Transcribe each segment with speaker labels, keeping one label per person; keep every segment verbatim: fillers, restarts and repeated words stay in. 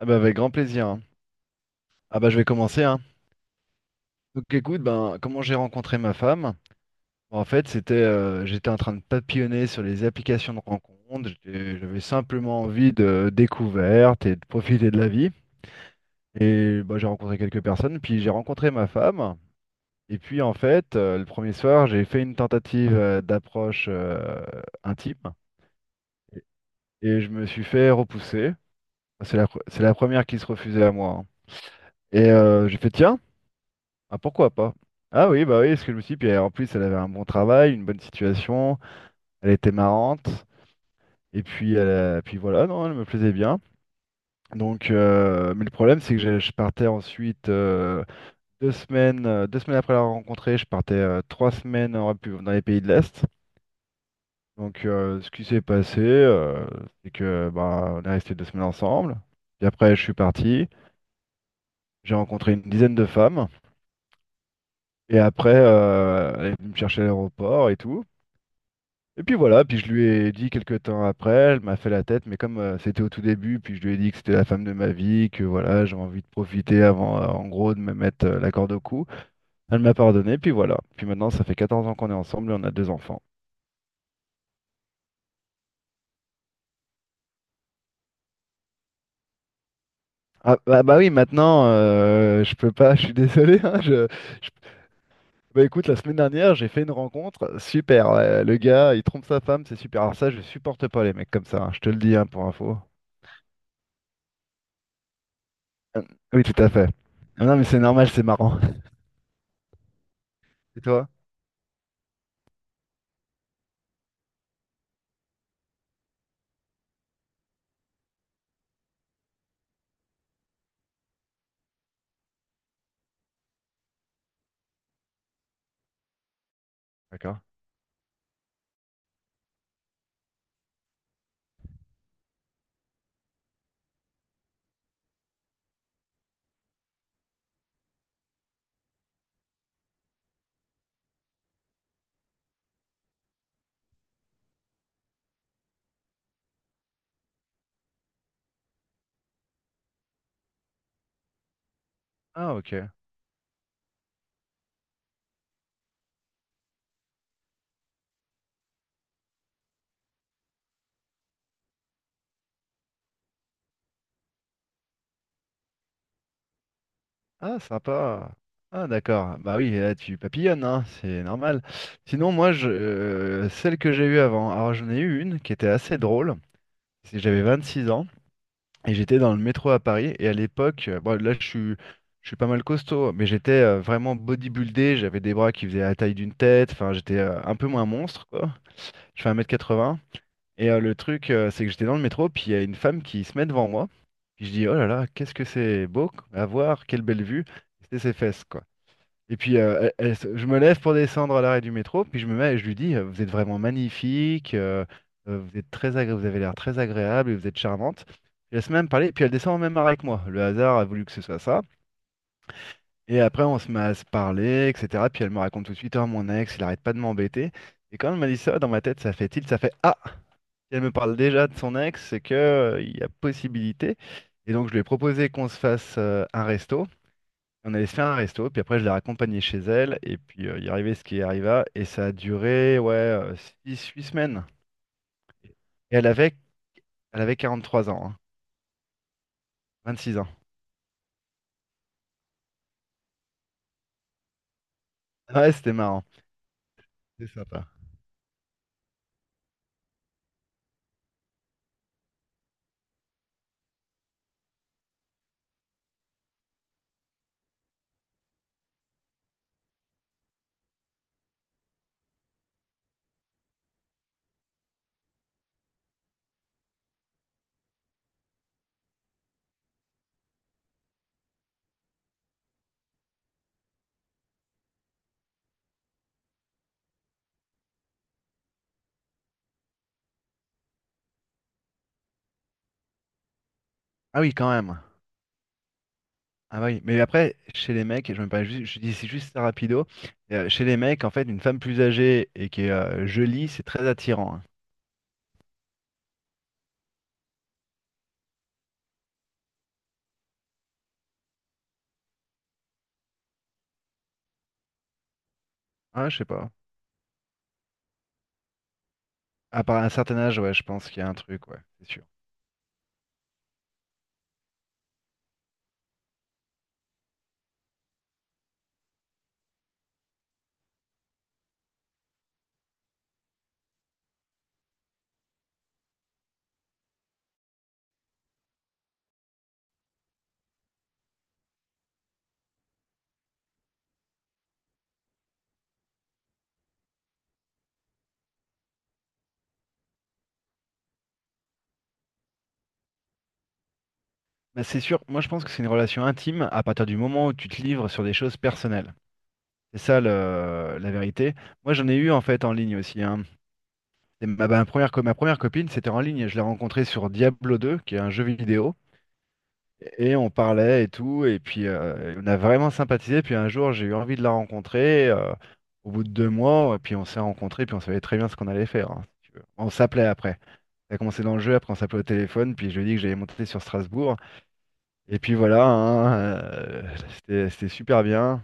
Speaker 1: Ah bah avec grand plaisir, hein. Ah bah je vais commencer, hein. Donc écoute, ben comment j'ai rencontré ma femme? Bon, en fait, c'était euh, j'étais en train de papillonner sur les applications de rencontres. J'étais- J'avais simplement envie de découverte et de profiter de la vie. Et bah, j'ai rencontré quelques personnes, puis j'ai rencontré ma femme. Et puis en fait, euh, le premier soir, j'ai fait une tentative euh, d'approche euh, intime, et je me suis fait repousser. C'est la, pre- c'est la première qui se refusait à moi, hein. Et euh, j'ai fait, tiens. Ah, pourquoi pas? Ah oui, bah oui, parce que je me suis dit, puis euh, en plus, elle avait un bon travail, une bonne situation, elle était marrante, et puis, elle, euh, puis voilà, non, elle me plaisait bien. Donc, euh, mais le problème, c'est que j'ai- je partais ensuite euh, deux semaines, euh, deux semaines après la rencontrer, je partais euh, trois semaines en Répu- dans les pays de l'Est. Donc, euh, ce qui s'est passé, euh, c'est que bah, on est resté deux semaines ensemble. Puis après, je suis parti, j'ai rencontré une dizaine de femmes, et après, euh, elle est venue me chercher à l'aéroport et tout. Et puis voilà, puis je lui ai dit quelques temps après, elle m'a fait la tête, mais comme euh, c'était au tout début, puis je lui ai dit que c'était la femme de ma vie, que voilà, j'ai envie de profiter avant, euh, en gros, de me mettre euh, la corde au cou. Elle m'a pardonné, puis voilà. Puis maintenant, ça fait quatorze ans qu'on est ensemble et on a deux enfants. Ah bah, bah oui, maintenant, euh, je peux pas, je suis désolé, hein, je, je- bah écoute, la semaine dernière, j'ai fait une rencontre, super. Ouais, le gars, il trompe sa femme, c'est super. Alors ça, je supporte pas les mecs comme ça, hein, je te le dis, hein, pour info. Euh, Oui, tout à fait. Ah non, mais c'est normal, c'est marrant. Et toi? D'accord. Ah ok. Ah sympa. Ah d'accord. Bah oui, là tu papillonnes, hein, c'est normal. Sinon moi je euh, celle que j'ai eue avant, alors j'en ai eu une qui était assez drôle. C'est que j'avais vingt-six ans et j'étais dans le métro à Paris, et à l'époque, euh, bon là je suis je suis pas mal costaud, mais j'étais euh, vraiment bodybuildé, j'avais des bras qui faisaient la taille d'une tête, enfin j'étais euh, un peu moins monstre quoi. Je fais un mètre quatre quatre-vingts. Et euh, le truc, euh, c'est que j'étais dans le métro, puis il y a une femme qui se met devant moi. Puis je dis, oh là là, qu'est-ce que c'est beau à voir, quelle belle vue. C'était ses fesses, quoi. Et puis euh, elle- elle se- je me lève pour descendre à l'arrêt du métro, puis je me mets et je lui dis, euh, vous êtes vraiment magnifique, euh, euh, vous êtes très agré- vous avez l'air très agréable et vous êtes charmante. Je laisse même parler, puis elle descend en même arrêt que moi. Le hasard a voulu que ce soit ça. Et après, on se met à se parler, et cetera. Puis elle me raconte tout de suite, oh mon ex, il arrête pas de m'embêter. Et quand elle m'a dit ça, dans ma tête, ça fait tilt, ça fait ah. Si elle me parle déjà de son ex, c'est que, euh, il y a possibilité. Et donc, je lui ai proposé qu'on se fasse euh, un resto. On allait se faire un resto, puis après, je l'ai raccompagnée chez elle, et puis euh, il arrivait ce qui arriva, et ça a duré, ouais, euh, six huit semaines. Et elle avait, elle avait quarante-trois ans, hein, vingt-six ans. Ah ouais, c'était marrant. C'est sympa. Ah oui, quand même. Ah bah oui, mais après, chez les mecs, je me parlais juste, je dis c'est juste ça rapido, euh, chez les mecs, en fait, une femme plus âgée et qui est euh, jolie, c'est très attirant, hein. Ah, je sais pas. À part un certain âge, ouais, je pense qu'il y a un truc, ouais, c'est sûr. Mais c'est sûr, moi je pense que c'est une relation intime à partir du moment où tu te livres sur des choses personnelles. C'est ça le- la vérité. Moi j'en ai eu en fait en ligne aussi, hein. C'est Ma, ma première, co- ma première copine, c'était en ligne. Je l'ai rencontrée sur Diablo deux, qui est un jeu vidéo. Et on parlait et tout. Et puis euh, on a vraiment sympathisé. Puis un jour, j'ai eu envie de la rencontrer, euh, au bout de deux mois, et puis on s'est rencontrés. Puis on savait très bien ce qu'on allait faire, hein, si tu veux. On s'appelait après. Ça a commencé dans le jeu, après on s'appelait au téléphone, puis je lui ai dit que j'allais monter sur Strasbourg. Et puis voilà, hein, euh, c'était c'était super bien.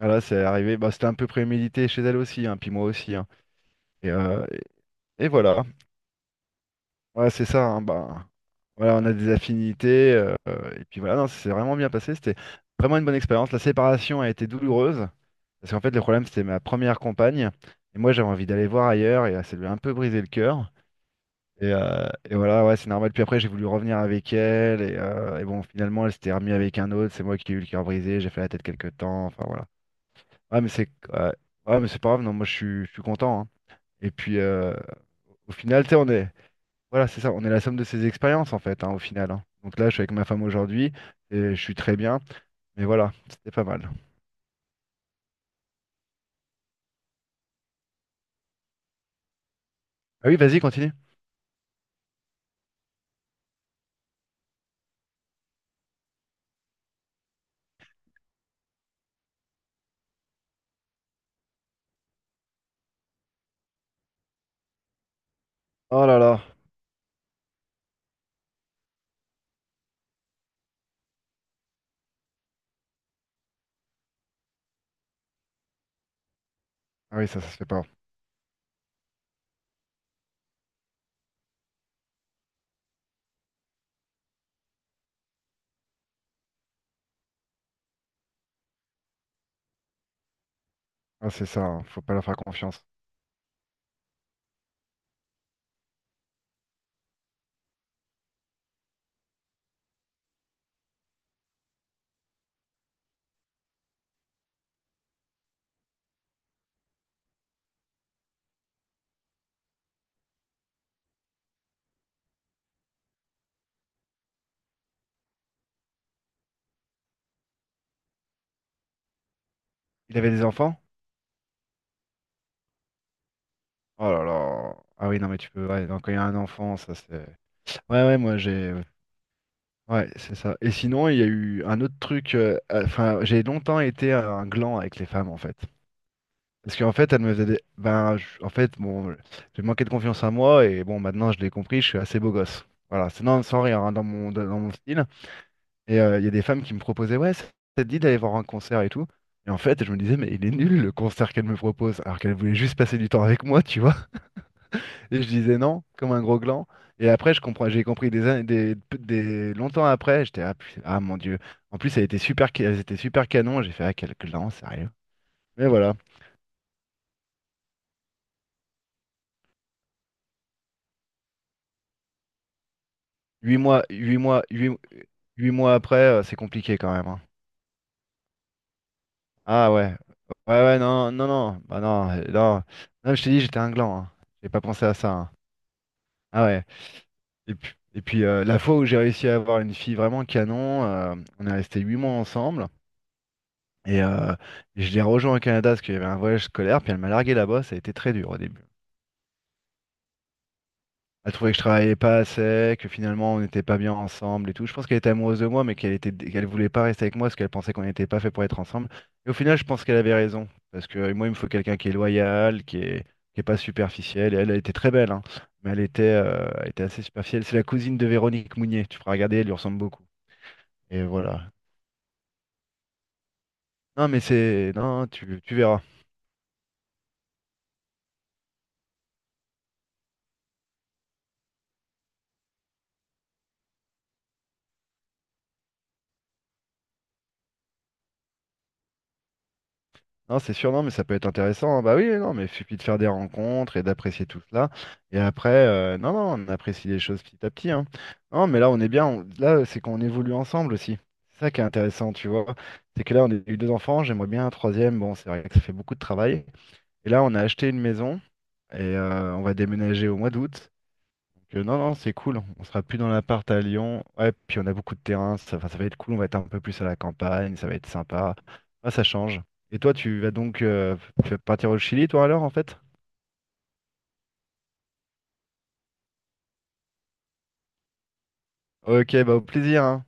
Speaker 1: Voilà, c'est arrivé. Bah, c'était un peu prémédité chez elle aussi, hein, puis moi aussi, hein. Et, euh, et- et voilà, voilà, c'est ça, hein, bah, voilà, on a des affinités. Euh, et puis voilà, non, c'est vraiment bien passé. C'était vraiment une bonne expérience. La séparation a été douloureuse, parce qu'en fait, le problème, c'était ma première compagne. Et moi, j'avais envie d'aller voir ailleurs, et ça lui a un peu brisé le cœur. Et, euh, et voilà, ouais, c'est normal. Puis après, j'ai voulu revenir avec elle. Et, euh, et bon, finalement, elle s'était remise avec un autre. C'est moi qui ai eu le cœur brisé. J'ai fait la tête quelques temps. Enfin, voilà. Ouais, mais c'est ouais. Ouais, mais c'est pas grave. Non, moi, je suis, je suis content, hein. Et puis, euh, au final, tu sais, on est. Voilà, c'est ça. On est la somme de ses expériences, en fait, hein, au final, hein. Donc là, je suis avec ma femme aujourd'hui. Et je suis très bien. Mais voilà, c'était pas mal. Ah oui, vas-y, continue. Oh là là. Ah oui, ça, ça se fait pas. Ah, c'est ça, hein. Faut pas leur faire confiance. Il avait des enfants? Oh là là. Ah oui, non, mais tu peux. Ouais, non, quand il y a un enfant, ça, c'est. Ouais, ouais, moi j'ai. Ouais, c'est ça. Et sinon, il y a eu un autre truc. euh, euh, Enfin, j'ai longtemps été un gland avec les femmes, en fait. Parce qu'en fait, elles me faisaient des, ben, je- en fait, bon, j'ai manqué de confiance en moi, et bon, maintenant je l'ai compris, je suis assez beau gosse. Voilà, c'est non, sans rire, hein, dans mon, dans mon style. Et euh, il y a des femmes qui me proposaient, ouais, ça ça te dit d'aller voir un concert et tout. Et en fait, je me disais, mais il est nul le concert qu'elle me propose, alors qu'elle voulait juste passer du temps avec moi, tu vois. Et je disais non, comme un gros gland. Et après, je comprends, j'ai compris des, an- des, des- longtemps après, j'étais ah, pu- ah, mon Dieu. En plus, elle était super, ca- elles étaient super canon. J'ai fait ah quel gland, sérieux. Mais voilà, huit mois, huit mois, huit, huit mois après, euh, c'est compliqué quand même, hein. Ah ouais, ouais ouais non non non bah non euh, non. Non, je t'ai dit j'étais un gland, hein. J'ai pas pensé à ça, hein. Ah ouais. Et puis, et puis euh, la fois où j'ai réussi à avoir une fille vraiment canon, euh, on est resté huit mois ensemble. Et euh, je l'ai rejoint au Canada parce qu'il y avait un voyage scolaire, puis elle m'a largué là-bas, ça a été très dur au début. Elle trouvait que je travaillais pas assez, que finalement on n'était pas bien ensemble et tout. Je pense qu'elle était amoureuse de moi, mais qu'elle était, qu'elle voulait pas rester avec moi parce qu'elle pensait qu'on n'était pas fait pour être ensemble. Et au final, je pense qu'elle avait raison, parce que euh, moi, il me faut quelqu'un qui est loyal, qui est, qui est pas superficiel. Et elle, elle était très belle, hein, mais elle était, euh, elle était assez superficielle. C'est la cousine de Véronique Mounier. Tu feras regarder, elle lui ressemble beaucoup. Et voilà. Non, mais c'est, non, tu, tu verras. Non, c'est sûr, non, mais ça peut être intéressant, hein. Bah oui, oui, non, mais il suffit de faire des rencontres et d'apprécier tout cela. Et après, euh, non, non, on apprécie les choses petit à petit, hein. Non, mais là, on est bien. on- Là, c'est qu'on évolue ensemble aussi. C'est ça qui est intéressant, tu vois. C'est que là, on a eu deux enfants, j'aimerais bien un troisième. Bon, c'est vrai que ça fait beaucoup de travail. Et là, on a acheté une maison et euh, on va déménager au mois d'août. Que non, non, c'est cool. On sera plus dans l'appart à Lyon. Ouais, puis on a beaucoup de terrain. Ça, enfin, ça va être cool. On va être un peu plus à la campagne. Ça va être sympa. Ah, ça change. Et toi, tu vas donc euh, tu vas partir au Chili, toi, alors, en fait? Ok, bah, au plaisir, hein.